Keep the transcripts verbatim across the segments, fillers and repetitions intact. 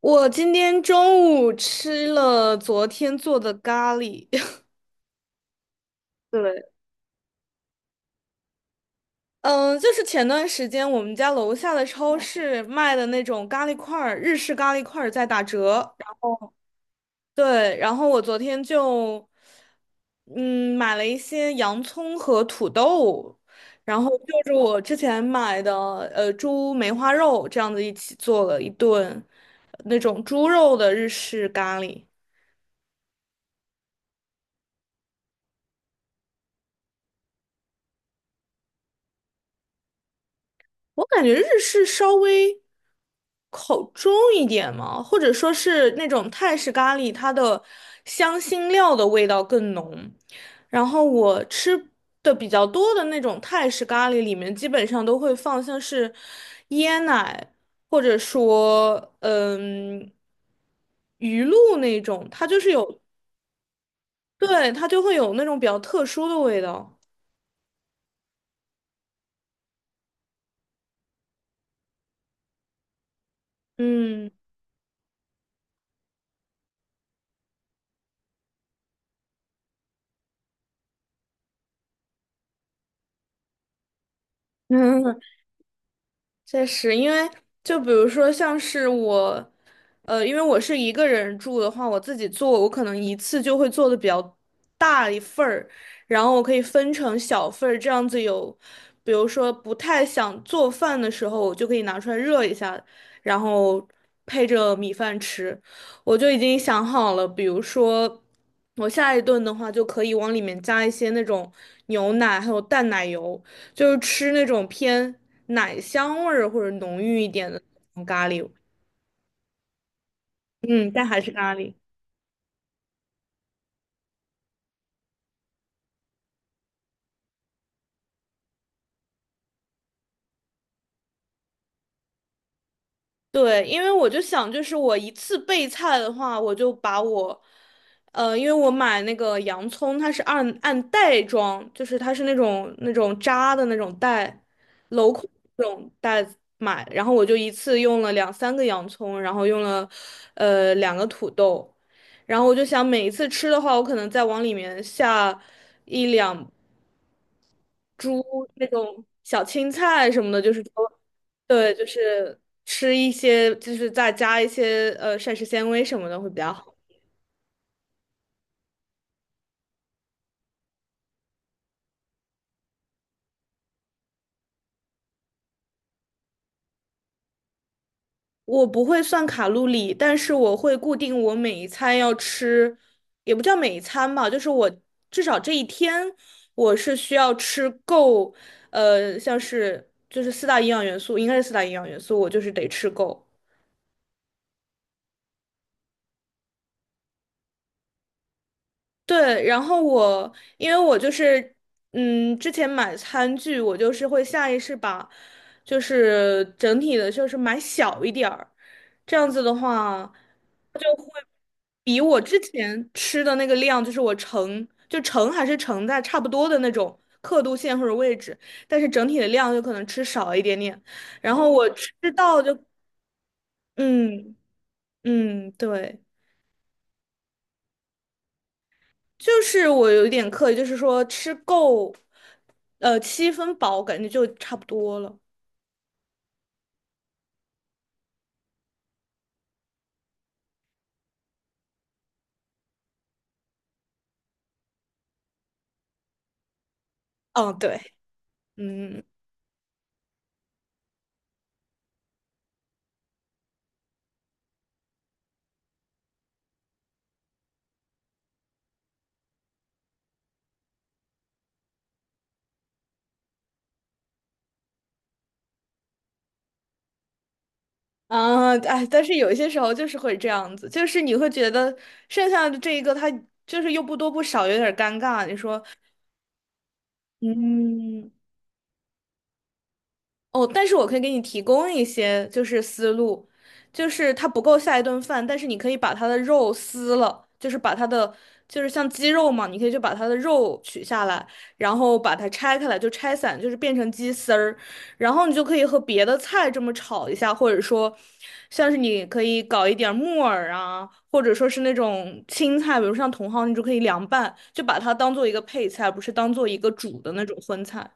我今天中午吃了昨天做的咖喱，对。嗯，就是前段时间我们家楼下的超市卖的那种咖喱块儿，日式咖喱块儿在打折。对，然后我昨天就，嗯，买了一些洋葱和土豆，然后就是我之前买的呃猪梅花肉这样子一起做了一顿呃那种猪肉的日式咖喱。我感觉日式稍微口重一点嘛，或者说是那种泰式咖喱，它的香辛料的味道更浓。然后我吃的比较多的那种泰式咖喱里面，基本上都会放像是椰奶，或者说嗯鱼露那种，它就是有。对，它就会有那种比较特殊的味道。嗯。确实，因为就比如说像是我，呃，因为我是一个人住的话，我自己做，我可能一次就会做的比较大一份儿，然后我可以分成小份儿，这样子有，比如说不太想做饭的时候，我就可以拿出来热一下，然后配着米饭吃。我就已经想好了，比如说我下一顿的话，就可以往里面加一些那种牛奶，还有淡奶油，就是吃那种偏奶香味儿或者浓郁一点的那种咖喱。嗯，但还是咖喱。对，因为我就想，就是我一次备菜的话，我就把我，呃，因为我买那个洋葱，它是按按袋装，就是它是那种那种扎的那种袋，镂空那种袋子买，然后我就一次用了两三个洋葱，然后用了，呃，两个土豆，然后我就想每一次吃的话，我可能再往里面下一两猪那种小青菜什么的，就是说，对，就是吃一些，就是再加一些呃膳食纤维什么的会比较好。我不会算卡路里，但是我会固定我每一餐要吃，也不叫每一餐吧，就是我至少这一天我是需要吃够，呃，像是就是四大营养元素，应该是四大营养元素，我就是得吃够。对，然后我因为我就是，嗯，之前买餐具，我就是会下意识把，就是整体的，就是买小一点儿，这样子的话，比我之前吃的那个量，就是我盛就盛还是盛在差不多的那种刻度线或者位置，但是整体的量就可能吃少一点点，然后我吃到就，嗯嗯，对。就是我有一点刻意，就是说吃够，呃，七分饱，感觉就差不多了。嗯，对。嗯。啊。哎，但是有一些时候就是会这样子，就是你会觉得剩下的这一个，它就是又不多不少，有点儿尴尬。你说，嗯。哦，但是我可以给你提供一些就是思路，就是它不够下一顿饭，但是你可以把它的肉撕了，就是把它的就是像鸡肉嘛，你可以就把它的肉取下来，然后把它拆开来，就拆散，就是变成鸡丝儿，然后你就可以和别的菜这么炒一下，或者说像是你可以搞一点儿木耳啊，或者说是那种青菜，比如像茼蒿，你就可以凉拌，就把它当做一个配菜，不是当做一个煮的那种荤菜。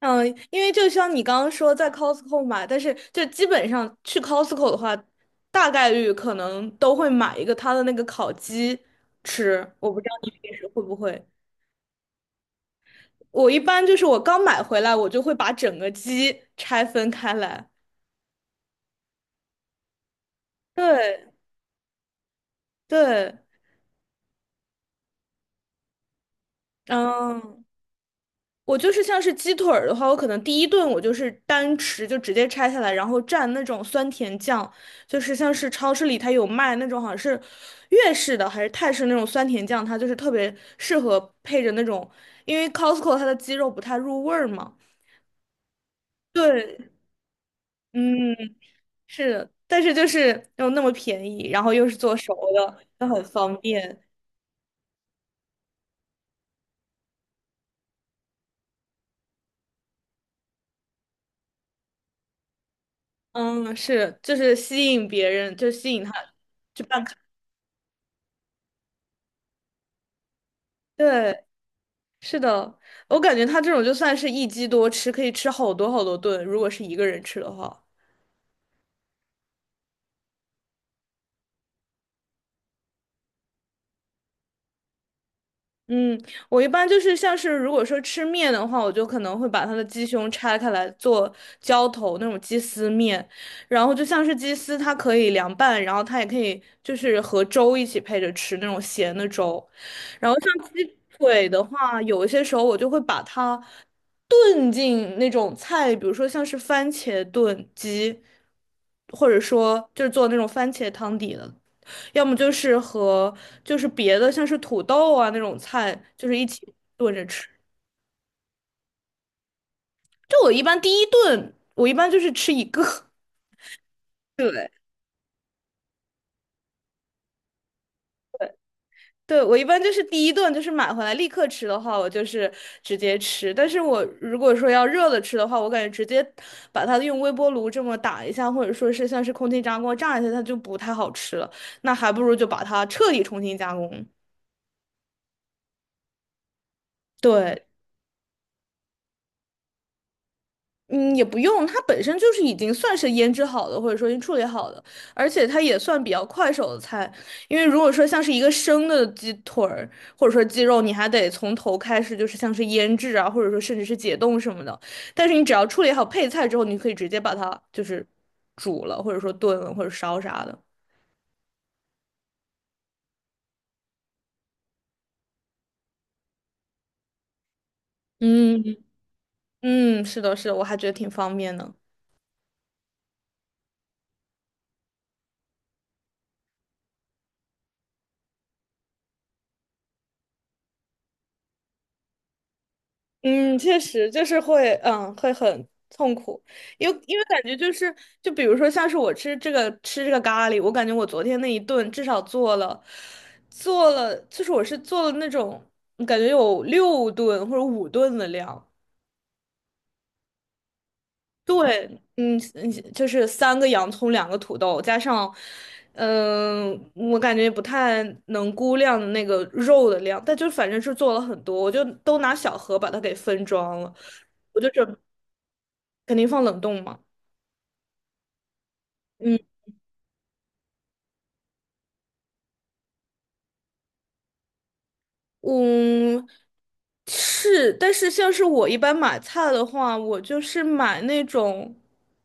嗯，因为就像你刚刚说在 Costco 买，但是就基本上去 Costco 的话，大概率可能都会买一个它的那个烤鸡吃。我不知道你平时会不会，我一般就是我刚买回来，我就会把整个鸡拆分开来。对，对。嗯，我就是像是鸡腿儿的话，我可能第一顿我就是单吃，就直接拆下来，然后蘸那种酸甜酱，就是像是超市里它有卖那种好像是粤式的还是泰式那种酸甜酱，它就是特别适合配着那种，因为 Costco 它的鸡肉不太入味儿嘛。对。嗯，是的，但是就是又那么便宜，然后又是做熟的，就很方便。嗯，是，就是吸引别人，就吸引他去办卡。对。是的，我感觉他这种就算是一鸡多吃，可以吃好多好多顿，如果是一个人吃的话。嗯，我一般就是像是如果说吃面的话，我就可能会把它的鸡胸拆开来做浇头那种鸡丝面，然后就像是鸡丝，它可以凉拌，然后它也可以就是和粥一起配着吃那种咸的粥，然后像鸡腿的话，有一些时候我就会把它炖进那种菜，比如说像是番茄炖鸡，或者说就是做那种番茄汤底的。要么就是和就是别的像是土豆啊那种菜，就是一起炖着吃。就我一般第一顿，我一般就是吃一个。对，对，我一般就是第一顿就是买回来立刻吃的话，我就是直接吃。但是我如果说要热了吃的话，我感觉直接把它用微波炉这么打一下，或者说是像是空气炸锅炸一下，它就不太好吃了。那还不如就把它彻底重新加工。对。嗯，也不用，它本身就是已经算是腌制好的，或者说已经处理好的，而且它也算比较快手的菜。因为如果说像是一个生的鸡腿儿，或者说鸡肉，你还得从头开始，就是像是腌制啊，或者说甚至是解冻什么的。但是你只要处理好配菜之后，你可以直接把它就是煮了，或者说炖了，或者烧啥的。嗯嗯，是的，是的，我还觉得挺方便的。嗯，确实就是会，嗯，会很痛苦，因为因为感觉就是，就比如说像是我吃这个吃这个咖喱，我感觉我昨天那一顿至少做了做了，就是我是做了那种感觉有六顿或者五顿的量。对，嗯嗯，就是三个洋葱，两个土豆，加上，嗯、我感觉不太能估量那个肉的量，但就反正是做了很多，我就都拿小盒把它给分装了。我就准。肯定放冷冻嘛。嗯嗯，是，但是像是我一般买菜的话，我就是买那种，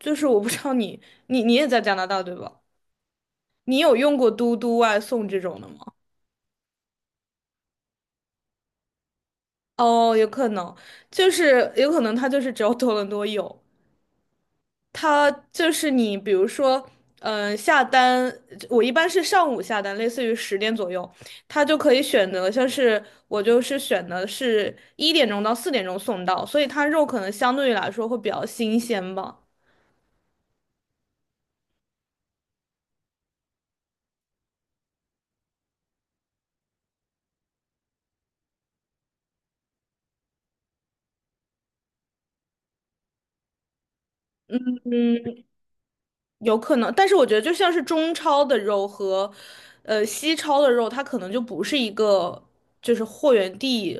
就是我不知道你你你也在加拿大对吧？你有用过嘟嘟外送这种的吗？哦，有可能，就是有可能它就是只有多伦多有。它就是你，比如说，嗯、下单，我一般是上午下单，类似于十点左右，它就可以选择，像是我就是选的是一点钟到四点钟送到，所以它肉可能相对于来说会比较新鲜吧，有可能，但是我觉得就像是中超的肉和，呃，西超的肉，它可能就不是一个就是货源地，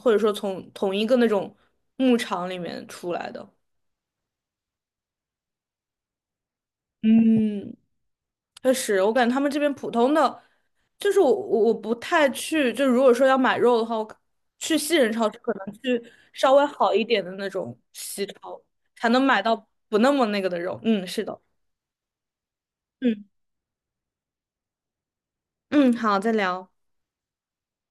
或者说从同一个那种牧场里面出来的。嗯。确实，我感觉他们这边普通的，就是我我我不太去，就如果说要买肉的话，我可去西人超市可能去稍微好一点的那种西超，才能买到不那么那个的肉。嗯，是的。嗯嗯，好，再聊。